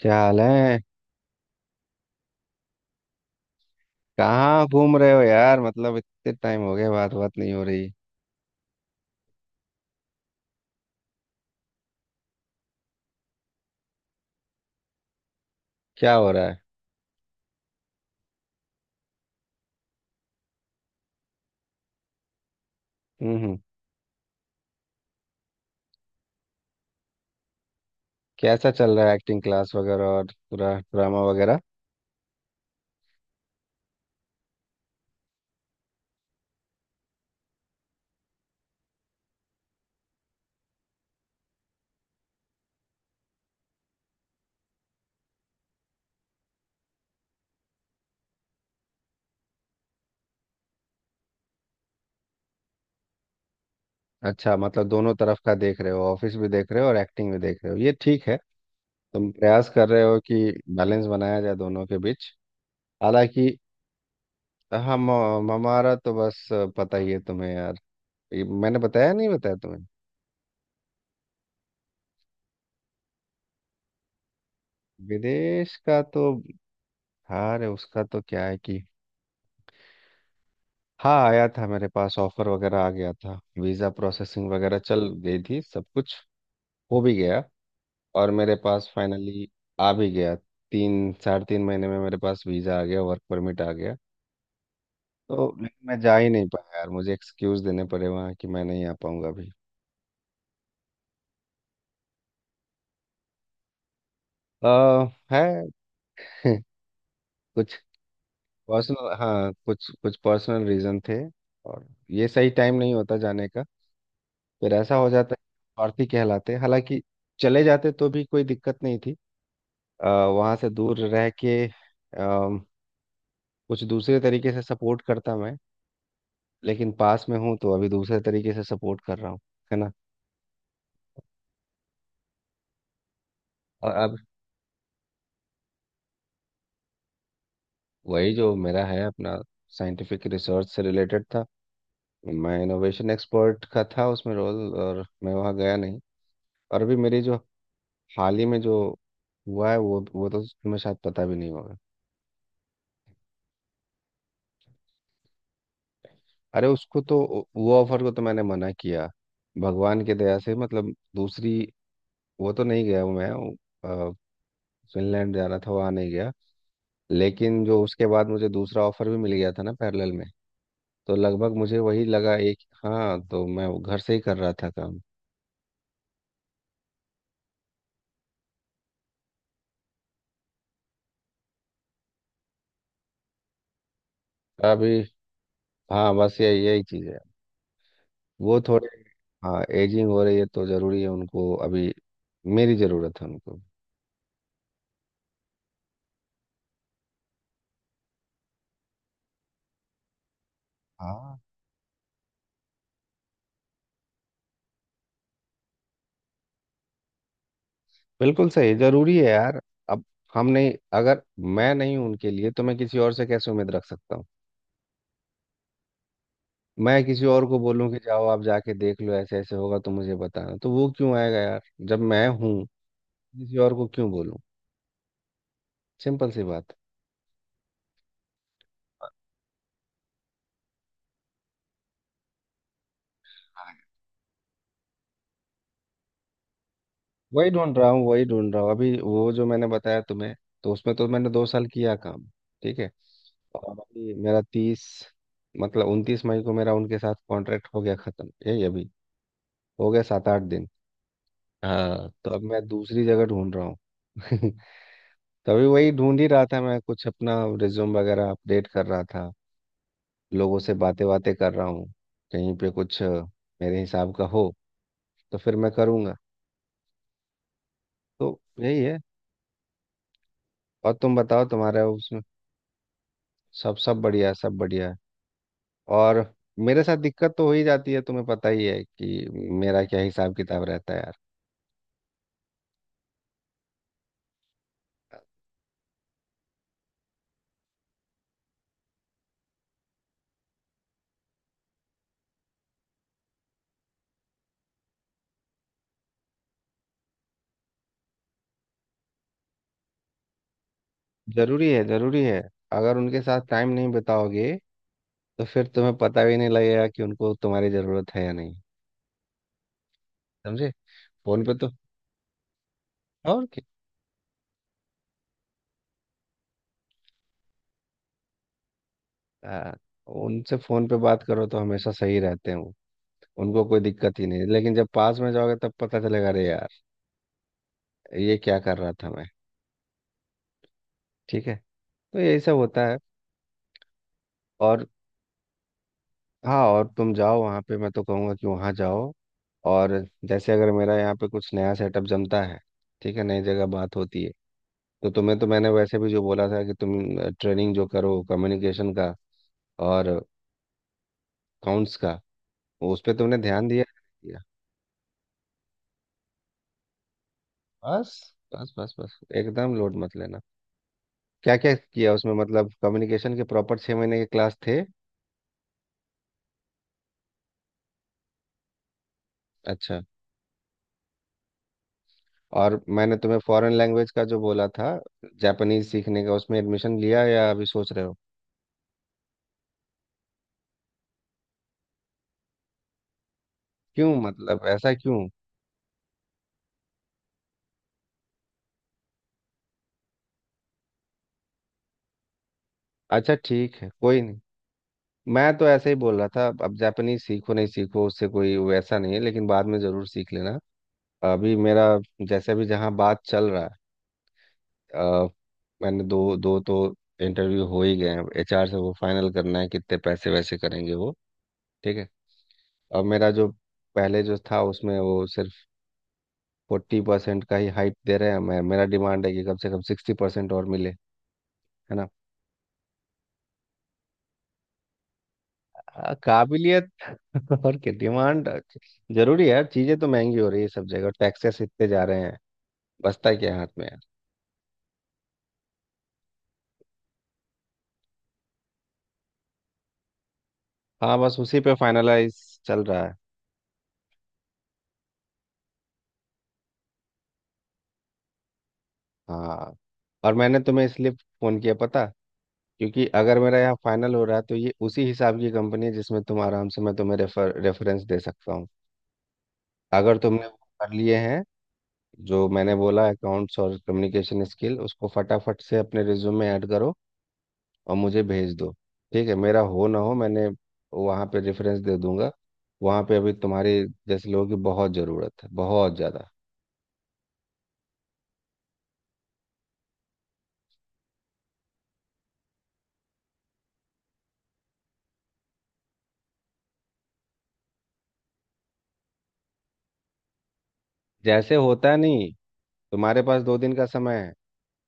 क्या हाल है। कहाँ घूम रहे हो यार? मतलब इतने टाइम हो गया, बात बात नहीं हो रही। क्या हो रहा है? हम्म। हम्म। कैसा चल रहा है एक्टिंग क्लास वगैरह? और पूरा ड्रामा वगैरह? अच्छा, मतलब दोनों तरफ का देख रहे हो, ऑफिस भी देख रहे हो और एक्टिंग भी देख रहे हो, ये ठीक है। तुम प्रयास कर रहे हो कि बैलेंस बनाया जाए दोनों के बीच। हालांकि हम हमारा तो बस पता ही है तुम्हें यार। ये मैंने बताया नहीं बताया तुम्हें? विदेश का तो हार है उसका। तो क्या है कि हाँ, आया था मेरे पास, ऑफर वगैरह आ गया था, वीज़ा प्रोसेसिंग वगैरह चल गई थी, सब कुछ हो भी गया। और मेरे पास फाइनली आ भी गया। 3 साढ़े 3 महीने में मेरे पास वीज़ा आ गया, वर्क परमिट आ गया। तो लेकिन मैं जा ही नहीं पाया यार, मुझे एक्सक्यूज़ देने पड़े वहाँ कि मैं नहीं आ पाऊँगा अभी। आ, है कुछ पर्सनल। हाँ, कुछ कुछ पर्सनल रीज़न थे। और ये सही टाइम नहीं होता जाने का। फिर ऐसा हो जाता है अर्थी कहलाते। हालांकि चले जाते तो भी कोई दिक्कत नहीं थी, वहां से दूर रह के अम, कुछ दूसरे तरीके से सपोर्ट करता मैं। लेकिन पास में हूँ तो अभी दूसरे तरीके से सपोर्ट कर रहा हूँ। है ना। और अब वही जो मेरा है अपना, साइंटिफिक रिसर्च से रिलेटेड था। मैं इनोवेशन एक्सपर्ट का था उसमें रोल, और मैं वहाँ गया नहीं। और अभी मेरी जो हाल ही में जो हुआ है वो तो तुम्हें शायद पता भी नहीं होगा। अरे उसको तो, वो ऑफर को तो मैंने मना किया भगवान की दया से। मतलब दूसरी, वो तो नहीं गया हूँ मैं। फिनलैंड जाना था, वहाँ नहीं गया। लेकिन जो उसके बाद मुझे दूसरा ऑफर भी मिल गया था ना पैरेलल में। तो लगभग मुझे वही लगा एक। हाँ, तो मैं वो घर से ही कर रहा था काम। अभी हाँ, बस ये यही चीज़ है। वो थोड़े हाँ, एजिंग हो रही है तो ज़रूरी है उनको, अभी मेरी ज़रूरत है उनको। हाँ बिल्कुल सही, ज़रूरी है यार। अब हम नहीं, अगर मैं नहीं हूं उनके लिए तो मैं किसी और से कैसे उम्मीद रख सकता हूँ। मैं किसी और को बोलूँ कि जाओ आप जाके देख लो, ऐसे ऐसे होगा तो मुझे बताना, तो वो क्यों आएगा यार? जब मैं हूँ किसी और को क्यों बोलूं? सिंपल सी बात। वही ढूंढ रहा हूँ, वही ढूंढ रहा हूँ अभी। वो जो मैंने बताया तुम्हें, तो उसमें तो मैंने 2 साल किया काम। ठीक है। और अभी मेरा तीस मतलब 29 मई को मेरा उनके साथ कॉन्ट्रैक्ट हो गया खत्म। यही अभी हो गया 7-8 दिन। हाँ, तो अब मैं दूसरी जगह ढूंढ रहा हूँ। तो अभी वही ढूंढ ही रहा था मैं कुछ अपना, रिज्यूम वगैरह अपडेट कर रहा था, लोगों से बातें बातें कर रहा हूँ। कहीं पे कुछ मेरे हिसाब का हो तो फिर मैं करूँगा। तो यही है। और तुम बताओ तुम्हारे उसमें? सब सब बढ़िया है, सब बढ़िया है। और मेरे साथ दिक्कत तो हो ही जाती है, तुम्हें पता ही है कि मेरा क्या हिसाब किताब रहता है यार। जरूरी है, जरूरी है। अगर उनके साथ टाइम नहीं बिताओगे तो फिर तुम्हें पता भी नहीं लगेगा कि उनको तुम्हारी जरूरत है या नहीं। समझे। फोन पे तो और क्या। हाँ, उनसे फोन पे बात करो तो हमेशा सही रहते हैं वो, उनको कोई दिक्कत ही नहीं। लेकिन जब पास में जाओगे तब पता चलेगा, अरे यार ये क्या कर रहा था मैं। ठीक है, तो यही सब होता है। और हाँ, और तुम जाओ वहाँ पे, मैं तो कहूँगा कि वहाँ जाओ। और जैसे अगर मेरा यहाँ पे कुछ नया सेटअप जमता है, ठीक है, नई जगह बात होती है। तो तुम्हें तो मैंने वैसे भी जो बोला था कि तुम ट्रेनिंग जो करो कम्युनिकेशन का और अकाउंट्स का, उस पे तुमने ध्यान दिया? दिया? बस, बस, बस, बस, एकदम लोड मत लेना। क्या क्या किया उसमें? मतलब कम्युनिकेशन के प्रॉपर 6 महीने के क्लास थे? अच्छा। और मैंने तुम्हें फॉरेन लैंग्वेज का जो बोला था, जापानीज सीखने का, उसमें एडमिशन लिया या अभी सोच रहे हो? क्यों? मतलब ऐसा क्यों? अच्छा ठीक है, कोई नहीं, मैं तो ऐसे ही बोल रहा था। अब जापानीज सीखो नहीं सीखो उससे कोई वैसा नहीं है, लेकिन बाद में जरूर सीख लेना। अभी मेरा जैसे अभी जहाँ बात चल रहा है, अ, मैंने 2-2 तो इंटरव्यू हो ही गए हैं HR से। वो फाइनल करना है कितने पैसे वैसे करेंगे वो। ठीक है। अब मेरा जो पहले जो था उसमें वो सिर्फ 40% का ही हाइट दे रहे हैं, मैं मेरा डिमांड है कि कम से कम 60% और मिले। है ना। काबिलियत और क्या डिमांड। जरूरी है यार, चीजें तो महंगी हो रही है, सब जगह टैक्सेस इतने जा रहे हैं, बचता क्या है हाथ में यार। हाँ, बस उसी पे फाइनलाइज चल रहा है। हाँ, और मैंने तुम्हें इसलिए फोन किया पता क्योंकि अगर मेरा यहाँ फाइनल हो रहा है, तो ये उसी हिसाब की कंपनी है जिसमें तुम आराम से, मैं तुम्हें रेफरेंस दे सकता हूँ। अगर तुमने वो कर लिए हैं जो मैंने बोला अकाउंट्स और कम्युनिकेशन स्किल, उसको फटाफट से अपने रिज्यूम में ऐड करो और मुझे भेज दो। ठीक है, मेरा हो ना हो मैंने वहाँ पे रेफरेंस दे दूंगा। वहाँ पे अभी तुम्हारे जैसे लोगों की बहुत ज़रूरत है, बहुत ज़्यादा। जैसे होता है नहीं, तुम्हारे पास 2 दिन का समय है।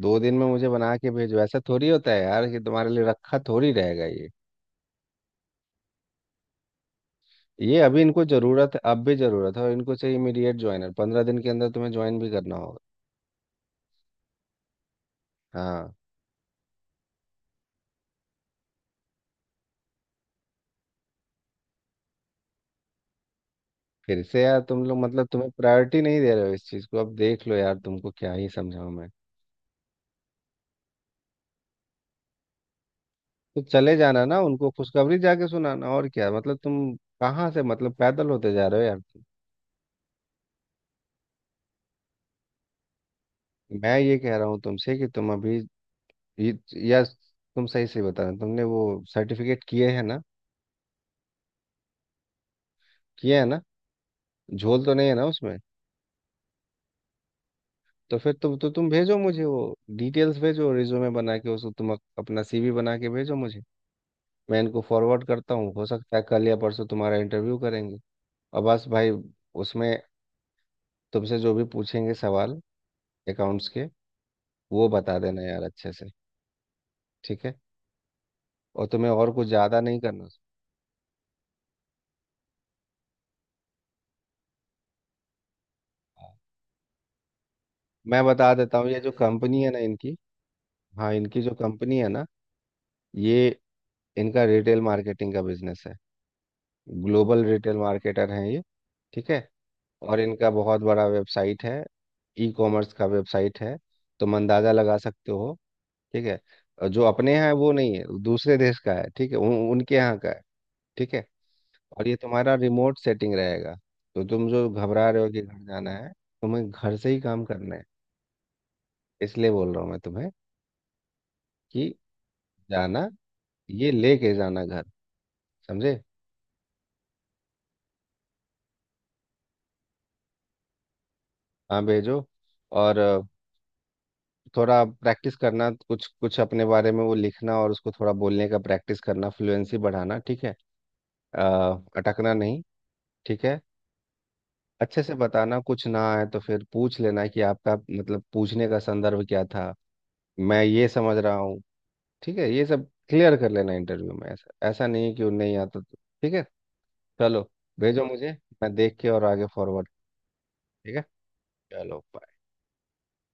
दो दिन में मुझे बना के भेजो। ऐसा थोड़ी होता है यार कि तुम्हारे लिए रखा थोड़ी रहेगा ये। ये अभी इनको ज़रूरत है, अब भी ज़रूरत है, और इनको चाहिए इमीडिएट ज्वाइनर, 15 दिन के अंदर तुम्हें ज्वाइन भी करना होगा। हाँ। फिर से यार तुम लोग मतलब तुम्हें प्रायोरिटी नहीं दे रहे हो इस चीज़ को। अब देख लो यार, तुमको क्या ही समझाऊं मैं। तो चले जाना ना, उनको खुशखबरी जाके सुनाना और क्या। मतलब तुम कहाँ से, मतलब पैदल होते जा रहे हो यार तुम। मैं ये कह रहा हूँ तुमसे कि तुम अभी ये- या तुम सही से बता रहे हो, तुमने वो सर्टिफिकेट किए हैं ना? किए हैं ना? झोल तो नहीं है ना उसमें? तो फिर तुम भेजो मुझे वो डिटेल्स, भेजो रिज्यूमे बना के, उसको तुम अपना CV बना के भेजो मुझे। मैं इनको फॉरवर्ड करता हूँ, हो सकता है कल या परसों तुम्हारा इंटरव्यू करेंगे। और बस भाई, उसमें तुमसे जो भी पूछेंगे सवाल अकाउंट्स के, वो बता देना यार अच्छे से। ठीक है। और तुम्हें और कुछ ज़्यादा नहीं करना। हाँ। मैं बता देता हूँ ये जो कंपनी है ना इनकी, हाँ इनकी जो कंपनी है ना, ये इनका रिटेल मार्केटिंग का बिजनेस है, ग्लोबल रिटेल मार्केटर हैं ये। ठीक है। और इनका बहुत बड़ा वेबसाइट है, ई कॉमर्स का वेबसाइट है, तुम अंदाज़ा लगा सकते हो। ठीक है। और जो अपने यहाँ है वो नहीं है, दूसरे देश का है। ठीक है। उनके यहाँ का है। ठीक है। और ये तुम्हारा रिमोट सेटिंग रहेगा, तो तुम जो घबरा रहे हो कि घर जाना है, तुम्हें घर से ही काम करना है, इसलिए बोल रहा हूँ मैं तुम्हें कि जाना, ये लेके जाना घर। समझे। हाँ, भेजो। और थोड़ा प्रैक्टिस करना, कुछ कुछ अपने बारे में वो लिखना और उसको थोड़ा बोलने का प्रैक्टिस करना, फ्लुएंसी बढ़ाना। ठीक है। अ, अटकना नहीं। ठीक है। अच्छे से बताना, कुछ ना आए तो फिर पूछ लेना कि आपका मतलब पूछने का संदर्भ क्या था, मैं ये समझ रहा हूँ। ठीक है, ये सब क्लियर कर लेना इंटरव्यू में, ऐसा ऐसा नहीं है कि वो नहीं आता तो। ठीक है। चलो, भेजो मुझे, मैं देख के और आगे फॉरवर्ड। ठीक है, चलो।